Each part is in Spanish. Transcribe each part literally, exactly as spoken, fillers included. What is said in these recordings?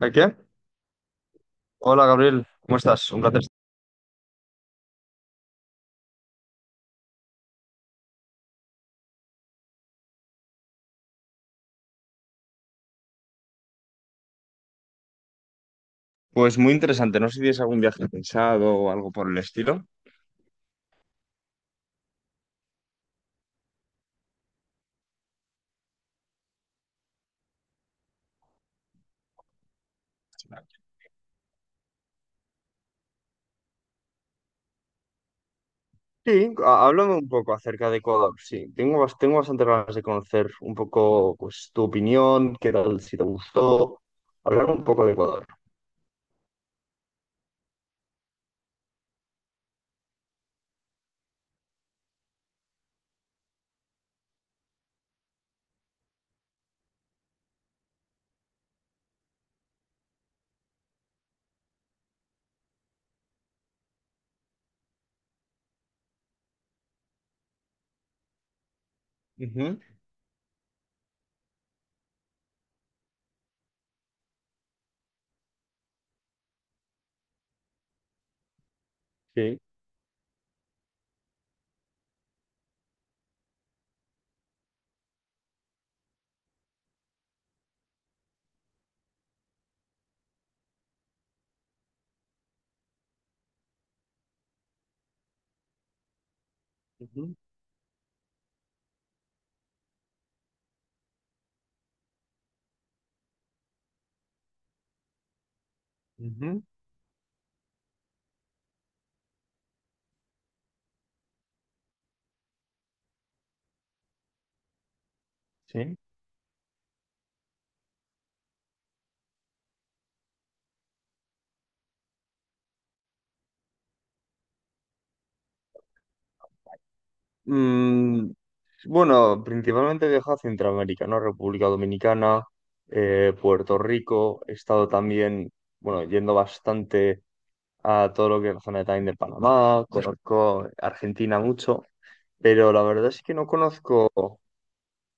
¿A qué? Hola Gabriel, ¿cómo estás? Un placer. Pues muy interesante. No sé si tienes algún viaje pensado o algo por el estilo. Sí, há- háblame un poco acerca de Ecuador. Sí, tengo, bas- tengo bastante ganas de conocer un poco pues, tu opinión, qué tal, si te gustó. Hablar un poco de Ecuador. Ujú. Sí. Ujú, ujú. Sí. Mm, bueno, principalmente he viajado a Centroamérica, ¿no? República Dominicana, eh, Puerto Rico. He estado también, bueno, yendo bastante a todo lo que es la zona de también de Panamá, conozco Argentina mucho, pero la verdad es que no conozco,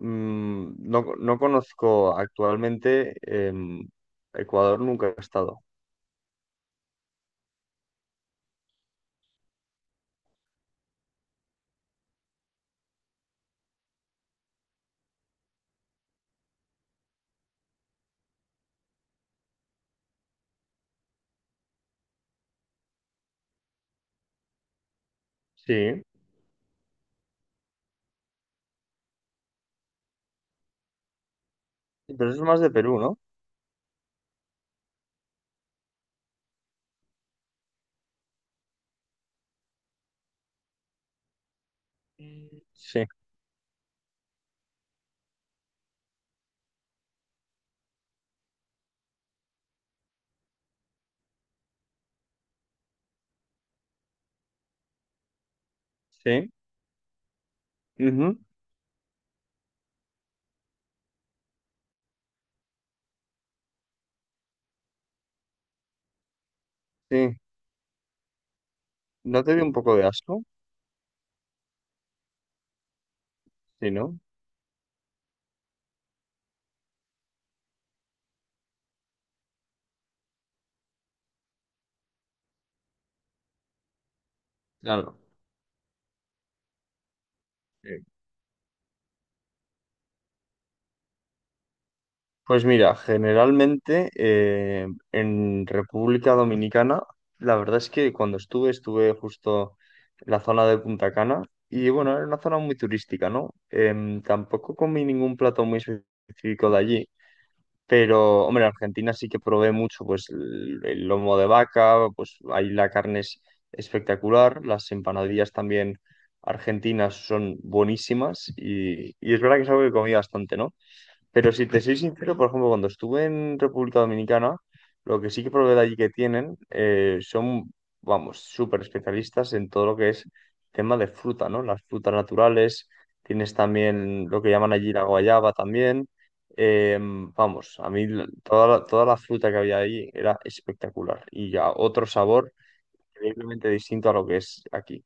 mm, no, no conozco actualmente em, Ecuador, nunca he estado. Sí, pero eso es más de Perú, ¿no? Sí, sí, ujú, sí. ¿No te dio un poco de asco? Sí, ¿no? Claro. Pues mira, generalmente eh, en República Dominicana, la verdad es que cuando estuve, estuve justo en la zona de Punta Cana y bueno, era una zona muy turística, ¿no? Em, tampoco comí ningún plato muy específico de allí, pero hombre, en Argentina sí que probé mucho, pues el, el lomo de vaca, pues ahí la carne es espectacular, las empanadillas también argentinas son buenísimas y, y es verdad que es algo que comí bastante, ¿no? Pero si te soy sincero, por ejemplo, cuando estuve en República Dominicana, lo que sí que probé de allí que tienen eh, son, vamos, súper especialistas en todo lo que es tema de fruta, ¿no? Las frutas naturales, tienes también lo que llaman allí la guayaba también. Eh, vamos, a mí la- toda la, toda la fruta que había ahí era espectacular y ya otro sabor increíblemente distinto a lo que es aquí.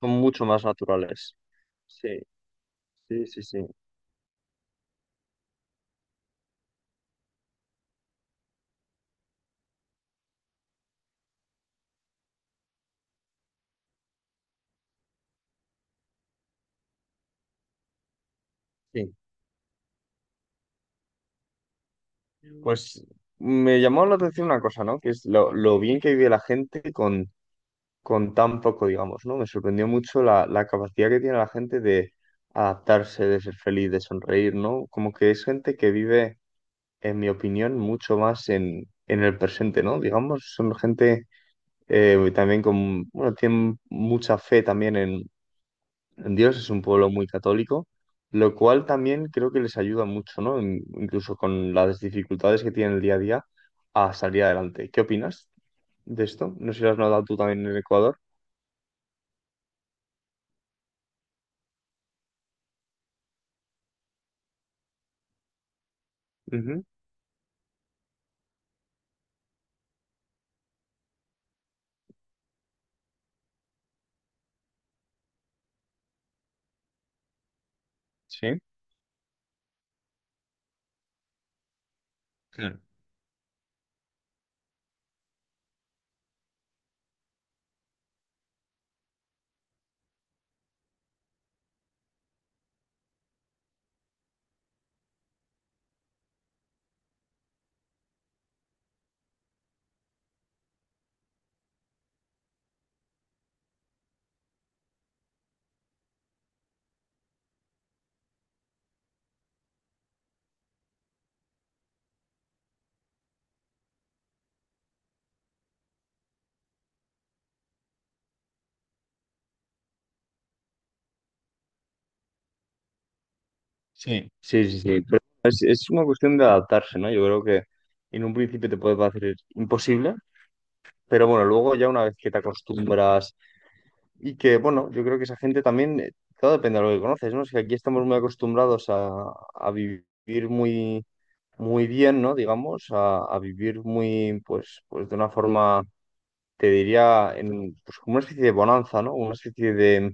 Son mucho más naturales. Sí, sí, sí, sí. Sí. Pues me llamó la atención una cosa, ¿no? Que es lo, lo bien que vive la gente con, con tan poco, digamos, ¿no? Me sorprendió mucho la, la capacidad que tiene la gente de adaptarse, de ser feliz, de sonreír, ¿no? Como que es gente que vive, en mi opinión, mucho más en, en el presente, ¿no? Digamos, son gente eh, también con, bueno, tienen mucha fe también en, Dios es un pueblo muy católico, lo cual también creo que les ayuda mucho, ¿no? In- Incluso con las dificultades que tienen el día a día a salir adelante. ¿Qué opinas de esto? No sé si lo has notado tú también en Ecuador. Ujú. Sí. Claro. Sí. Sí, sí, sí. Pero es, es una cuestión de adaptarse, ¿no? Yo creo que en un principio te puede parecer imposible, pero bueno, luego ya una vez que te acostumbras y que, bueno, yo creo que esa gente también, eh, todo depende de lo que conoces, ¿no? Es que aquí estamos muy acostumbrados a, a vivir muy muy bien, ¿no? Digamos, a, a vivir muy, pues, pues de una forma, te diría, en, pues como una especie de bonanza, ¿no? Una especie de,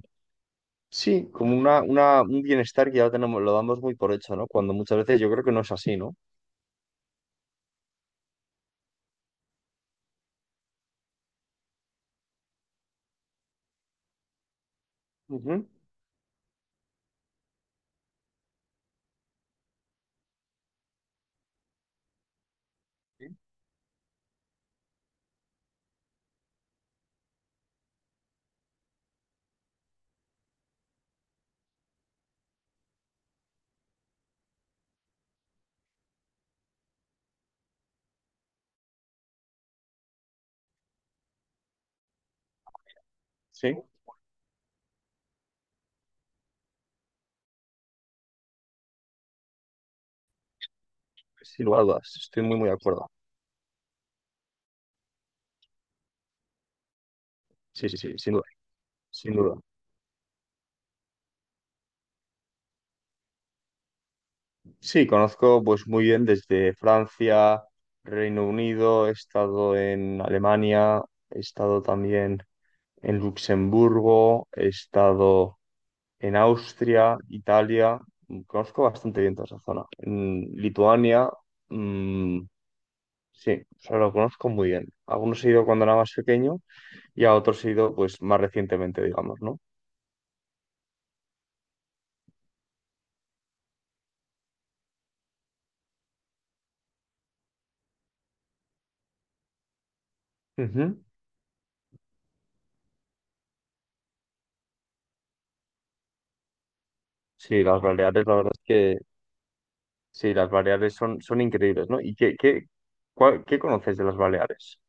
sí, como una, una, un bienestar que ya tenemos, lo damos muy por hecho, ¿no? Cuando muchas veces yo creo que no es así, ¿no? Ujú. Sí, sin lugar a dudas, estoy muy, muy de acuerdo. Sí, sí, sí, sin duda, sin duda. Sí, conozco pues muy bien desde Francia, Reino Unido, he estado en Alemania, he estado también en Luxemburgo, he estado en Austria, Italia, mm, conozco bastante bien toda esa zona. En Lituania, mm, sí, o sea, lo conozco muy bien. A algunos he ido cuando era más pequeño y a otros he ido pues más recientemente, digamos, ¿no? Ujú. Sí, las Baleares, la verdad es que sí, las Baleares son, son increíbles, ¿no? ¿Y qué, qué, cuál- qué conoces de las Baleares?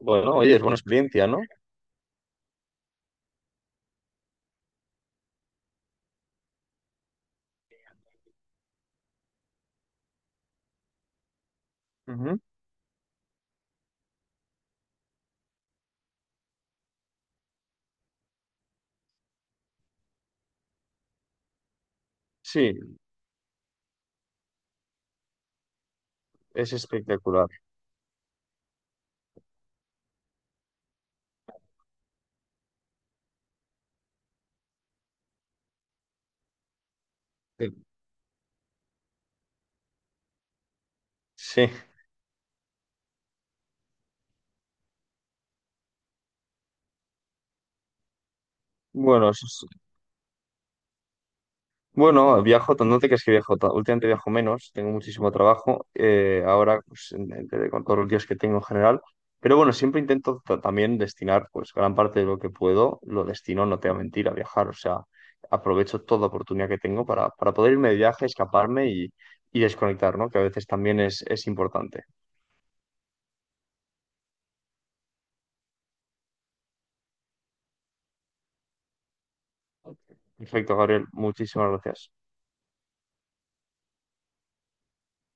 Bueno, oye, es buena experiencia, ¿no? Ujú. Sí, es espectacular. Sí. Sí. Bueno, eso es, bueno, viajo, tan- no te creas que viajo, ta- últimamente viajo menos, tengo muchísimo trabajo, eh, ahora pues, en- en- con todos los días que tengo en general, pero bueno, siempre intento ta- también destinar pues gran parte de lo que puedo, lo destino, no te voy a mentir, a viajar, o sea, aprovecho toda oportunidad que tengo para, para poder irme de viaje, escaparme y, y desconectar, ¿no? Que a veces también es, es importante. Perfecto, Gabriel, muchísimas gracias.